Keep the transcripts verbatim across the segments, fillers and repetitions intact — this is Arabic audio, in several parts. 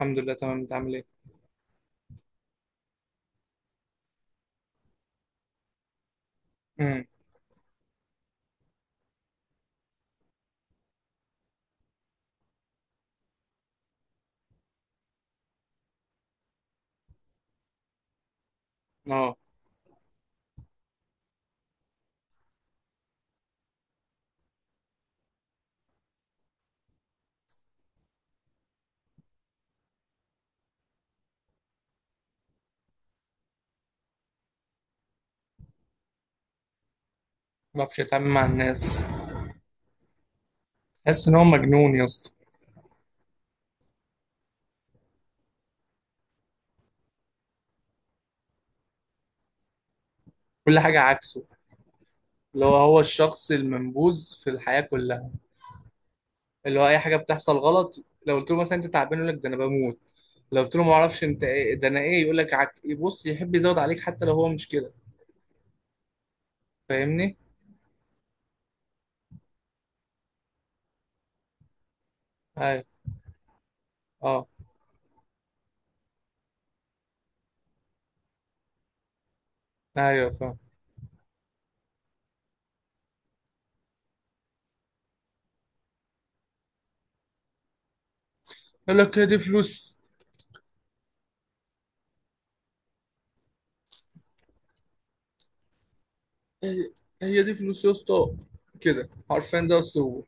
الحمد لله، تمام. انت عامل ايه؟ امم اه ما بعرفش يتعامل مع الناس. تحس ان هو مجنون يا اسطى. كل حاجه عكسه. اللي هو هو الشخص المنبوذ في الحياه كلها. اللي هو اي حاجه بتحصل غلط، لو قلت له مثلا انت تعبان يقول لك ده انا بموت، لو قلت له ما اعرفش انت ايه ده انا ايه يقول لك عك... يبص يحب يزود عليك حتى لو هو مش كده. فاهمني؟ ايوه. اه. ايوه فاهم. يقول لك هي دي فلوس؟ هي هي دي فلوس يا اسطى، كده عارفين ده اسلوبه.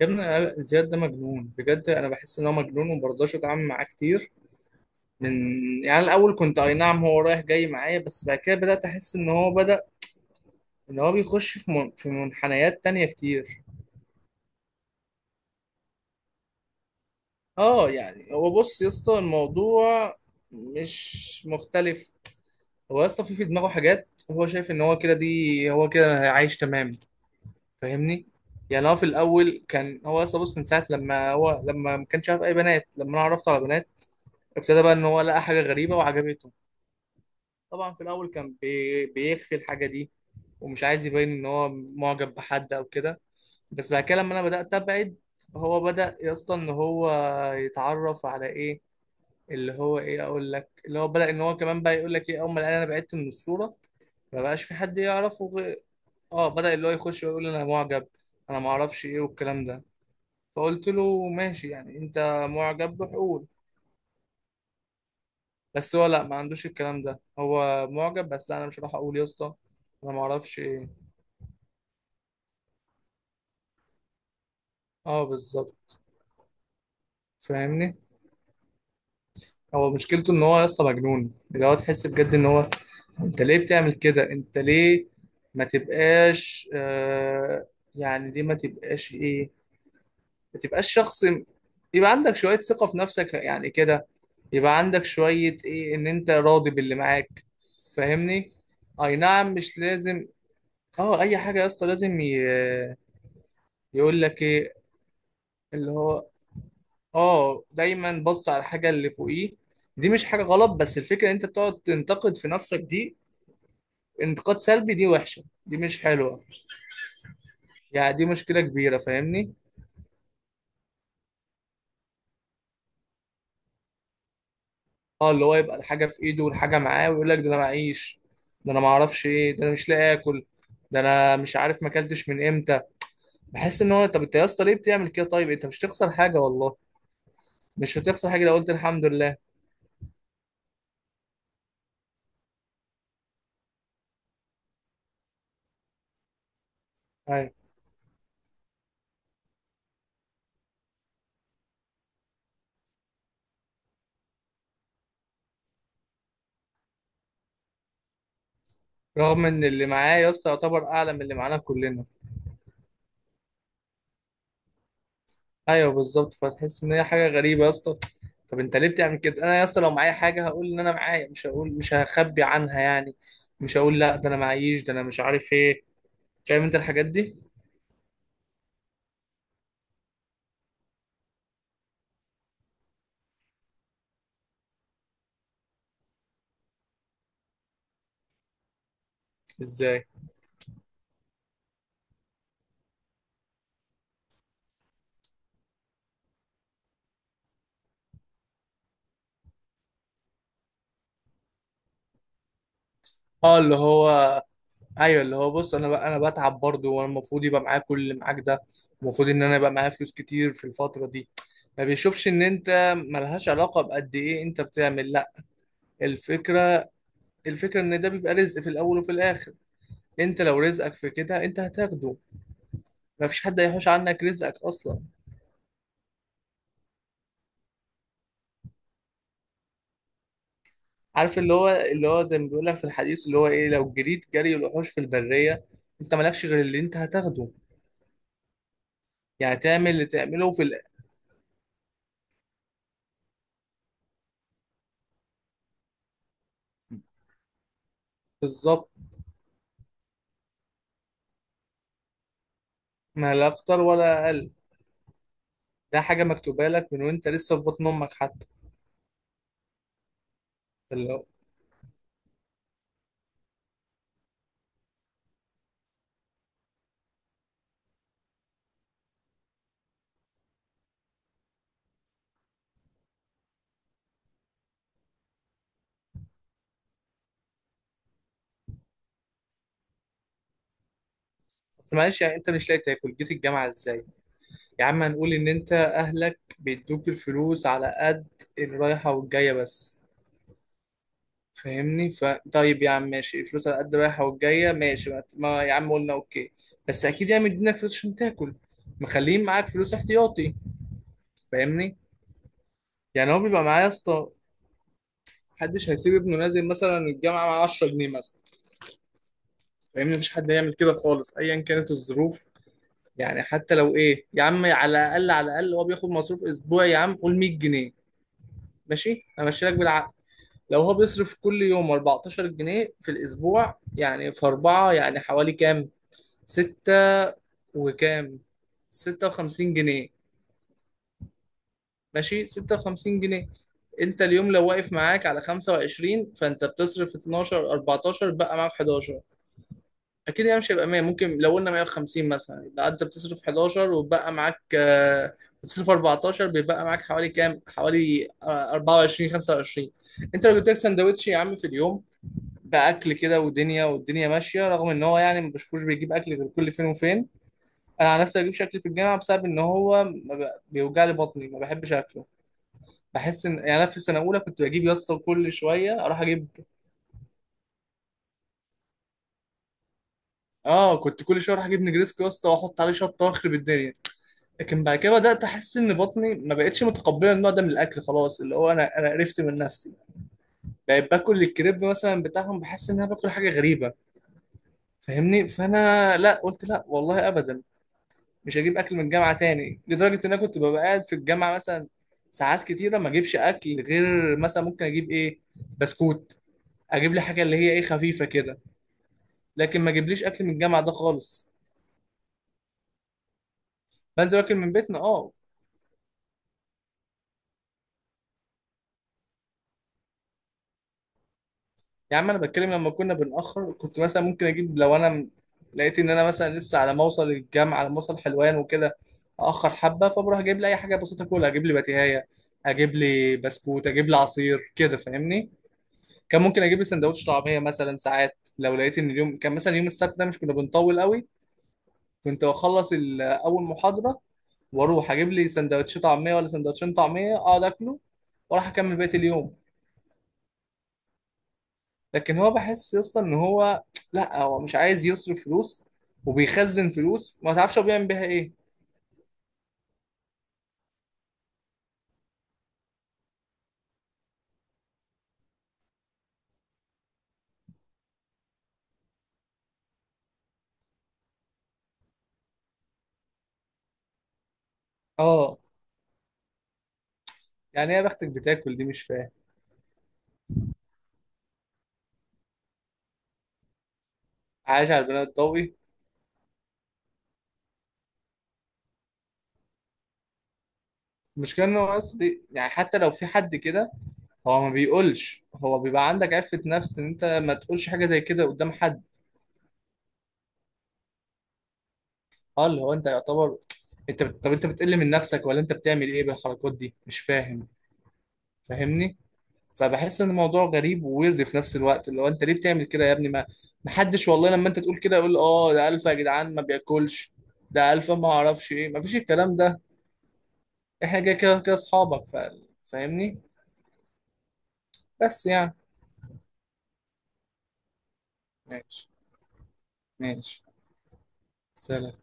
يا ابني، أنا- زياد ده مجنون بجد، انا بحس ان هو مجنون وما برضاش اتعامل معاه كتير. من، يعني الاول كنت اي نعم هو رايح جاي معايا، بس بعد كده بدات احس ان هو بدا، ان هو بيخش في من... في منحنيات تانية كتير. اه يعني هو بص يا اسطى، الموضوع مش مختلف. هو يا اسطى في في دماغه حاجات، هو شايف ان هو كده، دي هو كده عايش تمام. فاهمني؟ يعني هو في الاول كان هو يا اسطى بص، من ساعه لما هو لما ما كانش عارف اي بنات، لما انا عرفت على بنات ابتدى بقى ان هو لقى حاجه غريبه وعجبته. طبعا في الاول كان بي... بيخفي الحاجه دي، ومش عايز يبين ان هو معجب بحد او كده. بس بعد كده لما انا بدات ابعد، هو بدا يا اسطى ان هو يتعرف على ايه، اللي هو ايه، اقول لك اللي هو بدا ان هو كمان بقى يقول لك ايه، اول ما لقاني انا بعدت من الصوره ما بقاش في حد يعرفه غير- اه بدا اللي هو يخش ويقول انا معجب، انا ما اعرفش ايه والكلام ده. فقلت له ماشي، يعني انت معجب بحقول. بس هو لا، ما عندوش الكلام ده، هو معجب بس لا، انا مش هروح اقول يا اسطى انا ما اعرفش ايه. اه بالظبط. فاهمني؟ هو مشكلته ان هو لسه مجنون، اللي هو تحس بجد ان هو، انت ليه بتعمل كده؟ انت ليه ما تبقاش آه يعني ليه ما تبقاش ايه، ما تبقاش شخص، يبقى عندك شوية ثقة في نفسك يعني كده، يبقى عندك شوية ايه ان انت راضي باللي معاك. فاهمني؟ اي نعم مش لازم، اه اي حاجة يا اسطى لازم ي- يقول لك ايه اللي هو. اه دايما بص على الحاجه اللي فوقيه. دي مش حاجه غلط، بس الفكره ان انت تقعد تنتقد في نفسك، دي انتقاد سلبي، دي وحشه، دي مش حلوه، يعني دي مشكله كبيره. فاهمني؟ اه اللي هو يبقى الحاجه في ايده والحاجه معاه ويقول لك ده انا معيش، ده انا ما اعرفش ايه، ده انا مش لاقي اكل، ده انا مش عارف ما اكلتش من امتى. بحس ان هو، طب انت يا اسطى ليه بتعمل كده؟ طيب انت مش هتخسر حاجه والله، مش هتخسر حاجه لو قلت الحمد لله. ايوه، رغم ان اللي معاه يا اسطى يعتبر اعلى من اللي معانا كلنا. ايوه بالظبط، فتحس ان هي حاجه غريبه يا اسطى. طب انت ليه بتعمل كده؟ انا يا اسطى لو معايا حاجه هقول ان انا معايا، مش هقول مش هخبي عنها يعني، مش هقول لا ده انا معيش ده انا مش عارف ايه. فاهم انت الحاجات دي؟ ازاي؟ اه اللي هو. ايوه اللي هو بص، انا بقى انا بتعب برضه، وانا المفروض يبقى معايا كل اللي معاك ده، المفروض ان انا يبقى معايا فلوس كتير في الفتره دي. ما بيشوفش ان انت ملهاش علاقه بقد ايه انت بتعمل. لا، الفكره، الفكره ان ده بيبقى رزق في الاول وفي الاخر. انت لو رزقك في كده انت هتاخده. ما فيش حد هيحوش عنك رزقك اصلا. عارف اللي هو اللي هو زي ما بيقول لك في الحديث، اللي هو ايه، لو جريت جري الوحوش في البريه انت مالكش غير اللي انت هتاخده. يعني تعمل اللي تعمله في ال- بالظبط، ما لا اكتر ولا اقل. ده حاجه مكتوبه لك من وانت لسه في بطن امك حتى. اللي هو. بس معلش، يعني انت مش لاقي تاكل جيت الجامعه ازاي؟ يا عم هنقول ان انت اهلك بيدوك الفلوس على قد الرايحه والجايه بس. فاهمني؟ ف طيب يا عم ماشي، الفلوس على قد رايحه والجايه، ماشي، ما ما يا عم قلنا اوكي. بس اكيد يعني مدينك فلوس عشان تاكل، مخلين معاك فلوس احتياطي. فاهمني؟ يعني هو بيبقى معايا يا اسطى، محدش هيسيب ابنه نازل مثلا الجامعه مع عشرة جنيه مثلا. فاهمني؟ مفيش حد يعمل كده خالص ايا كانت الظروف. يعني حتى لو ايه يا عم، على الاقل على الاقل هو بياخد مصروف اسبوعي، يا عم قول مية جنيه. ماشي، امشي لك بالعقل، لو هو بيصرف كل يوم اربعتاشر جنيه في الاسبوع، يعني في اربعه يعني حوالي كام؟ ستة وكام، ستة وخمسين جنيه. ماشي، ستة وخمسين جنيه. انت اليوم لو واقف معاك على خمسة وعشرين، فانت بتصرف اتناشر، اربعتاشر، بقى معاك حداشر. اكيد يعني مش هيبقى مية، ممكن لو قلنا مية وخمسين مثلا، يبقى انت بتصرف حداشر وبقى معاك آه، بتصرف اربعة عشر بيبقى معاك حوالي كام، حوالي آه، اربعة وعشرين، خمسة وعشرين. انت لو جبت لك سندوتش يا عم في اليوم، باكل كده، ودنيا والدنيا ماشيه، رغم ان هو يعني ما بشوفوش بيجيب اكل غير كل فين وفين. انا على نفسي بجيب شكل في الجامعه، بسبب ان هو ما ب- بيوجع لي بطني ما بحبش اكله. بحس ان يعني انا في سنه اولى كنت بجيب يا اسطى كل شويه اروح اجيب. اه كنت كل شويه اروح اجيب نجريسكو يا اسطى، واحط عليه شطه واخرب الدنيا. لكن بعد كده بدات احس ان بطني ما بقتش متقبله النوع ده من الاكل خلاص. اللي هو انا انا قرفت من نفسي، بقيت باكل الكريب مثلا بتاعهم، بحس ان انا باكل حاجه غريبه. فاهمني؟ فانا لا، قلت لا والله ابدا، مش هجيب اكل من الجامعه تاني، لدرجه ان انا كنت ببقى قاعد في الجامعه مثلا ساعات كتيره ما اجيبش اكل، غير مثلا ممكن اجيب ايه، بسكوت، اجيب لي حاجه اللي هي ايه خفيفه كده. لكن ما اجيبليش اكل من الجامعه ده خالص. بنزل اكل من بيتنا. اه يا عم انا بتكلم لما كنا بنأخر، كنت مثلا ممكن اجيب لو انا م- لقيت ان انا مثلا لسه على ما اوصل الجامعه، على ما اوصل حلوان وكده اخر حبه، فبروح اجيب لي اي حاجه بسيطه اكلها، اجيب لي بتيهايه، اجيب لي بسكوت، اجيب لي عصير كده. فاهمني؟ كان ممكن اجيب لي سندوتش طعميه مثلا، ساعات لو لقيت ان اليوم كان مثلا يوم السبت ده مش كنا بنطول قوي. كنت اخلص ال- اول محاضره، واروح اجيب لي سندوتش طعميه ولا سندوتشين طعميه، اقعد اكله واروح اكمل بقيه اليوم. لكن هو بحس يا اسطى ان هو، لا هو مش عايز يصرف فلوس، وبيخزن فلوس ما تعرفش هو بيعمل بيها ايه. اه، يعني ايه يا بختك بتاكل دي؟ مش فاهم. عايش على البناء الضوئي. المشكله ان هو اصلي يعني، حتى لو في حد كده هو ما بيقولش، هو بيبقى عندك عفة نفس ان انت ما تقولش حاجة زي كده قدام حد. اه اللي هو انت يعتبر انت بت... طب انت بتقل من نفسك ولا انت بتعمل ايه بالحركات دي؟ مش فاهم. فاهمني؟ فبحس ان الموضوع غريب وويرد في نفس الوقت، اللي هو انت ليه بتعمل كده يا ابني؟ ما محدش والله لما انت تقول كده يقول اه ده الفا يا جدعان ما بياكلش، ده الفا ما اعرفش ايه. ما فيش الكلام ده، احنا كده كده كده اصحابك ف... فاهمني. بس يعني، ماشي، ماشي، سلام.